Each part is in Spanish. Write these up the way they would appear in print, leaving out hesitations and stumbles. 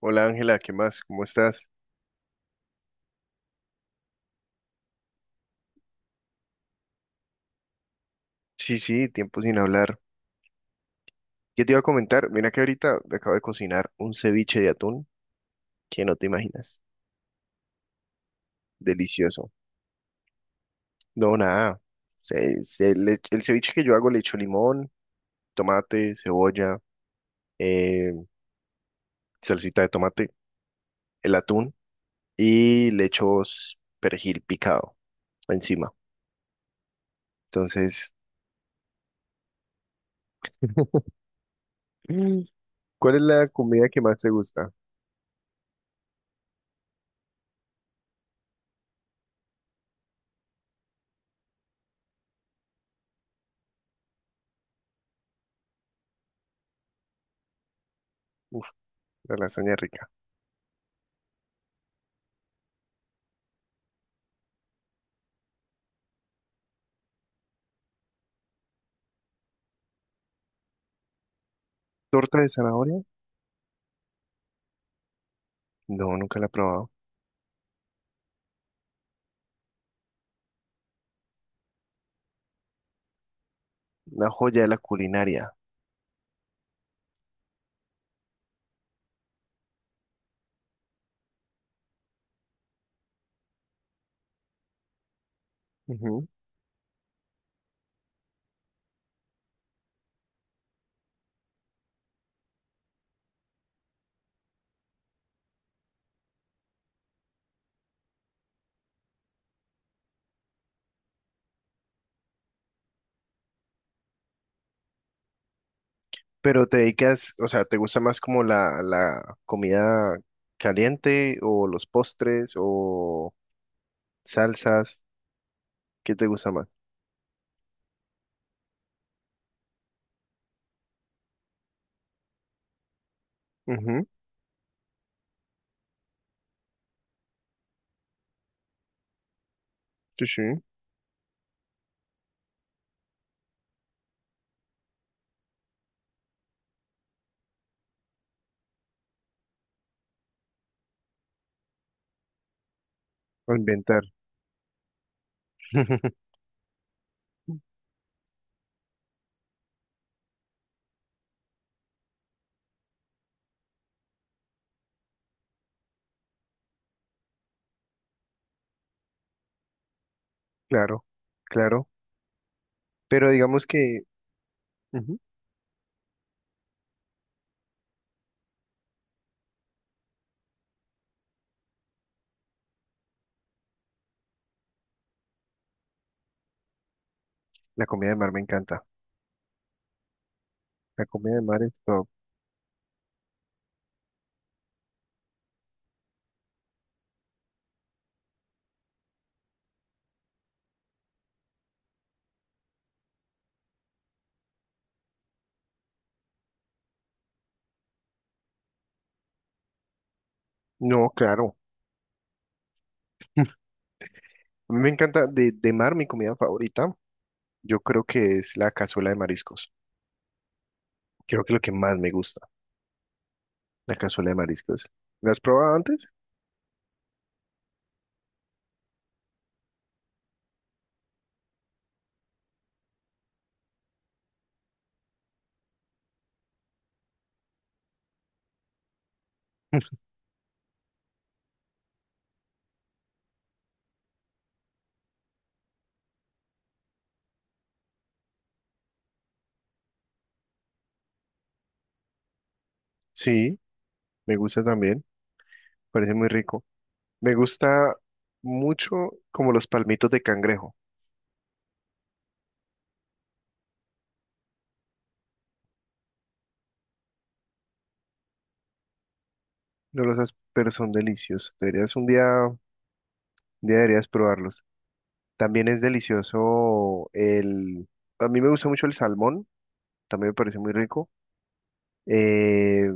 Hola Ángela, ¿qué más? ¿Cómo estás? Sí, sí, tiempo sin hablar. ¿Qué te iba a comentar? Mira que ahorita me acabo de cocinar un ceviche de atún que no te imaginas. Delicioso. No, nada. El ceviche que yo hago le echo limón, tomate, cebolla, eh, salsita de tomate, el atún y perejil picado encima. Entonces, mm, ¿cuál es la comida que más te gusta? Uf, la lasaña rica. ¿Torta de zanahoria? No, nunca la he probado. Una joya de la culinaria. Ujú. Pero te dedicas, o sea, ¿te gusta más como la comida caliente o los postres o salsas? ¿Qué te gusta más? Ujú. Sí, sí, a inventar. Claro, claro. Pero digamos que ujú, la comida de mar me encanta. La comida de mar es top. No, claro. A mí me encanta de mar, mi comida favorita, yo creo que es la cazuela de mariscos. Creo que es lo que más me gusta, la cazuela de mariscos. ¿La has probado antes? Sí, me gusta también. Parece muy rico. Me gusta mucho como los palmitos de cangrejo. No los has, pero son deliciosos. Deberías un día deberías probarlos. También es delicioso el... A mí me gusta mucho el salmón, también me parece muy rico. Eh,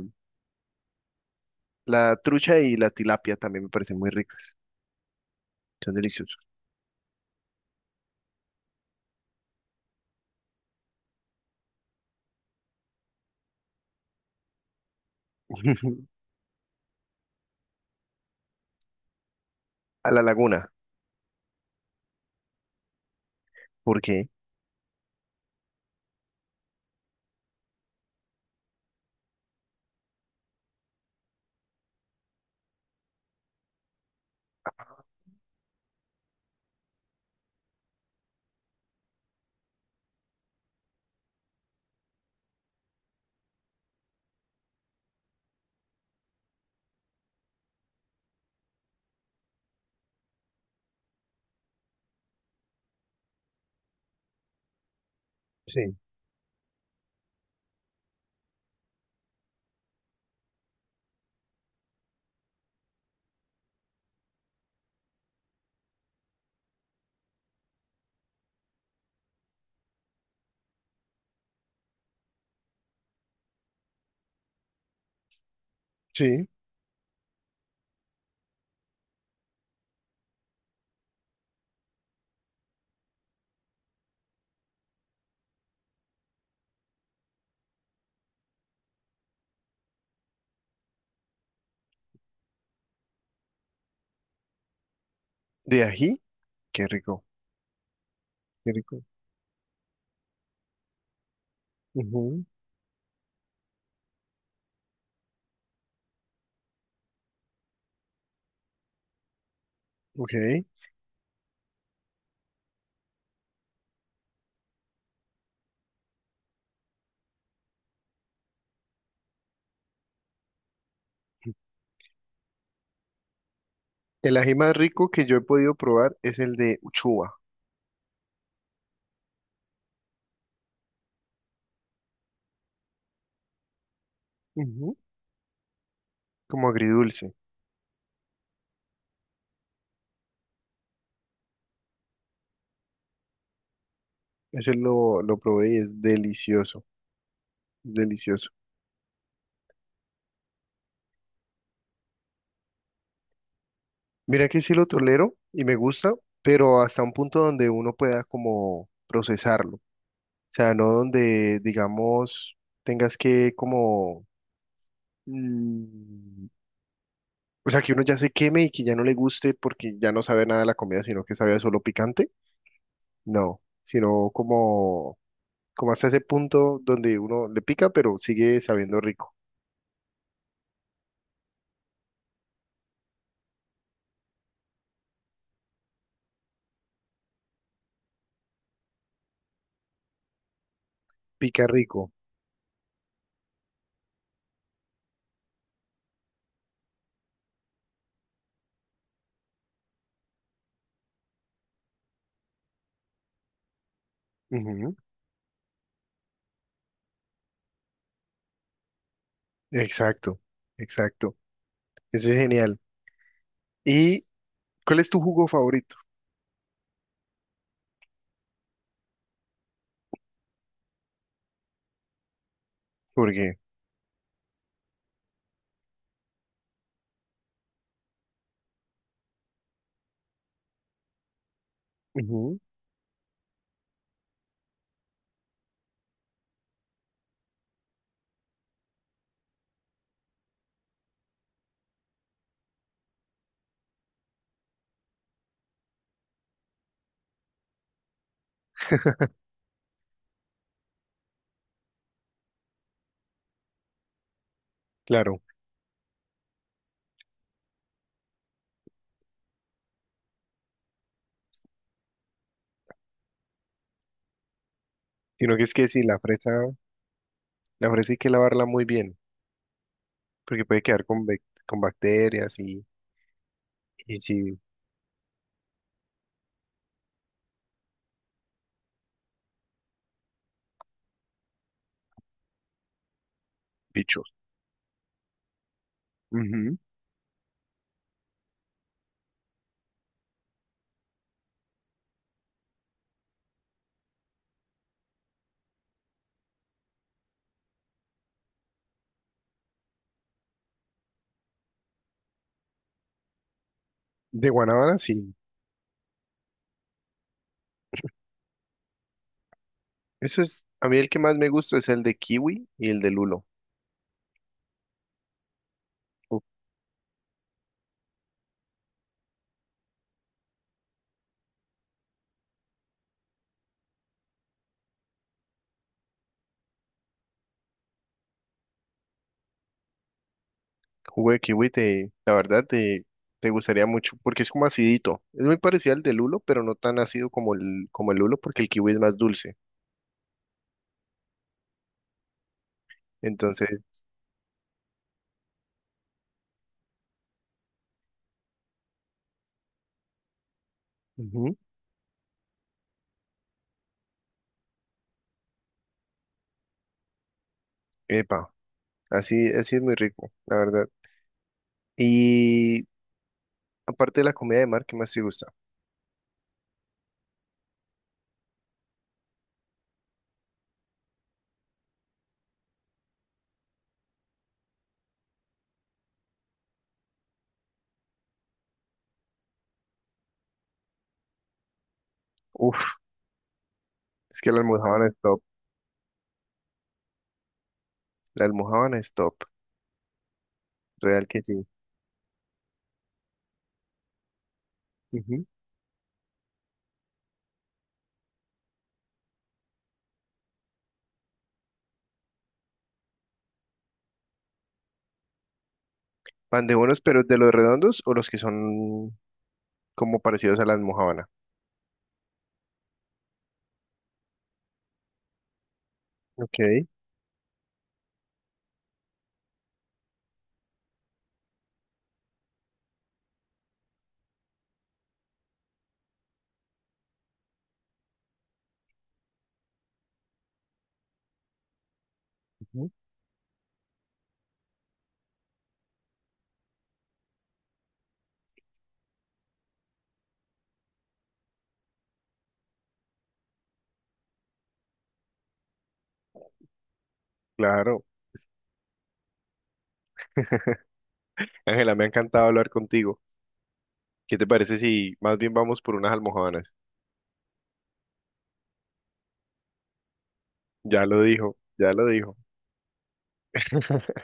la trucha y la tilapia también me parecen muy ricas. Son deliciosos. A la laguna, ¿por qué? Sí. Sí. De ají, qué rico, qué rico. Ujú. Ok. El ají más rico que yo he podido probar es el de uchuva. Ujú, como agridulce. Ese lo probé y es delicioso, delicioso. Mira que sí lo tolero y me gusta, pero hasta un punto donde uno pueda como procesarlo. O sea, no donde, digamos, tengas que como... mm, o sea, que uno ya se queme y que ya no le guste porque ya no sabe nada de la comida, sino que sabe a solo picante. No, sino como, como hasta ese punto donde uno le pica, pero sigue sabiendo rico. Pica rico. Exacto, exacto. Eso es genial. ¿Y cuál es tu jugo favorito? Porque, ujú, claro, sino que es que sí, la fresa hay que lavarla muy bien, porque puede quedar con, con bacterias y sí, bichos. Ujú. De guanábana, sí. Eso es, a mí el que más me gusta es el de kiwi y el de lulo. Uf, jugo de kiwi la verdad te gustaría mucho porque es como acidito. Es muy parecido al de lulo, pero no tan ácido como el lulo porque el kiwi es más dulce. Entonces, ujú, epa, así, así es muy rico, la verdad. Y aparte de la comida de mar, ¿qué más te gusta? Uf, es que la almojábana es top. La almojábana es top, real que sí. Ujú. Pan de bonos, pero de los redondos o los que son como parecidos a la almojábana. Ok, ujú, claro. Ángela, me ha encantado hablar contigo. ¿Qué te parece si más bien vamos por unas almojábanas? Ya lo dijo, ya lo dijo.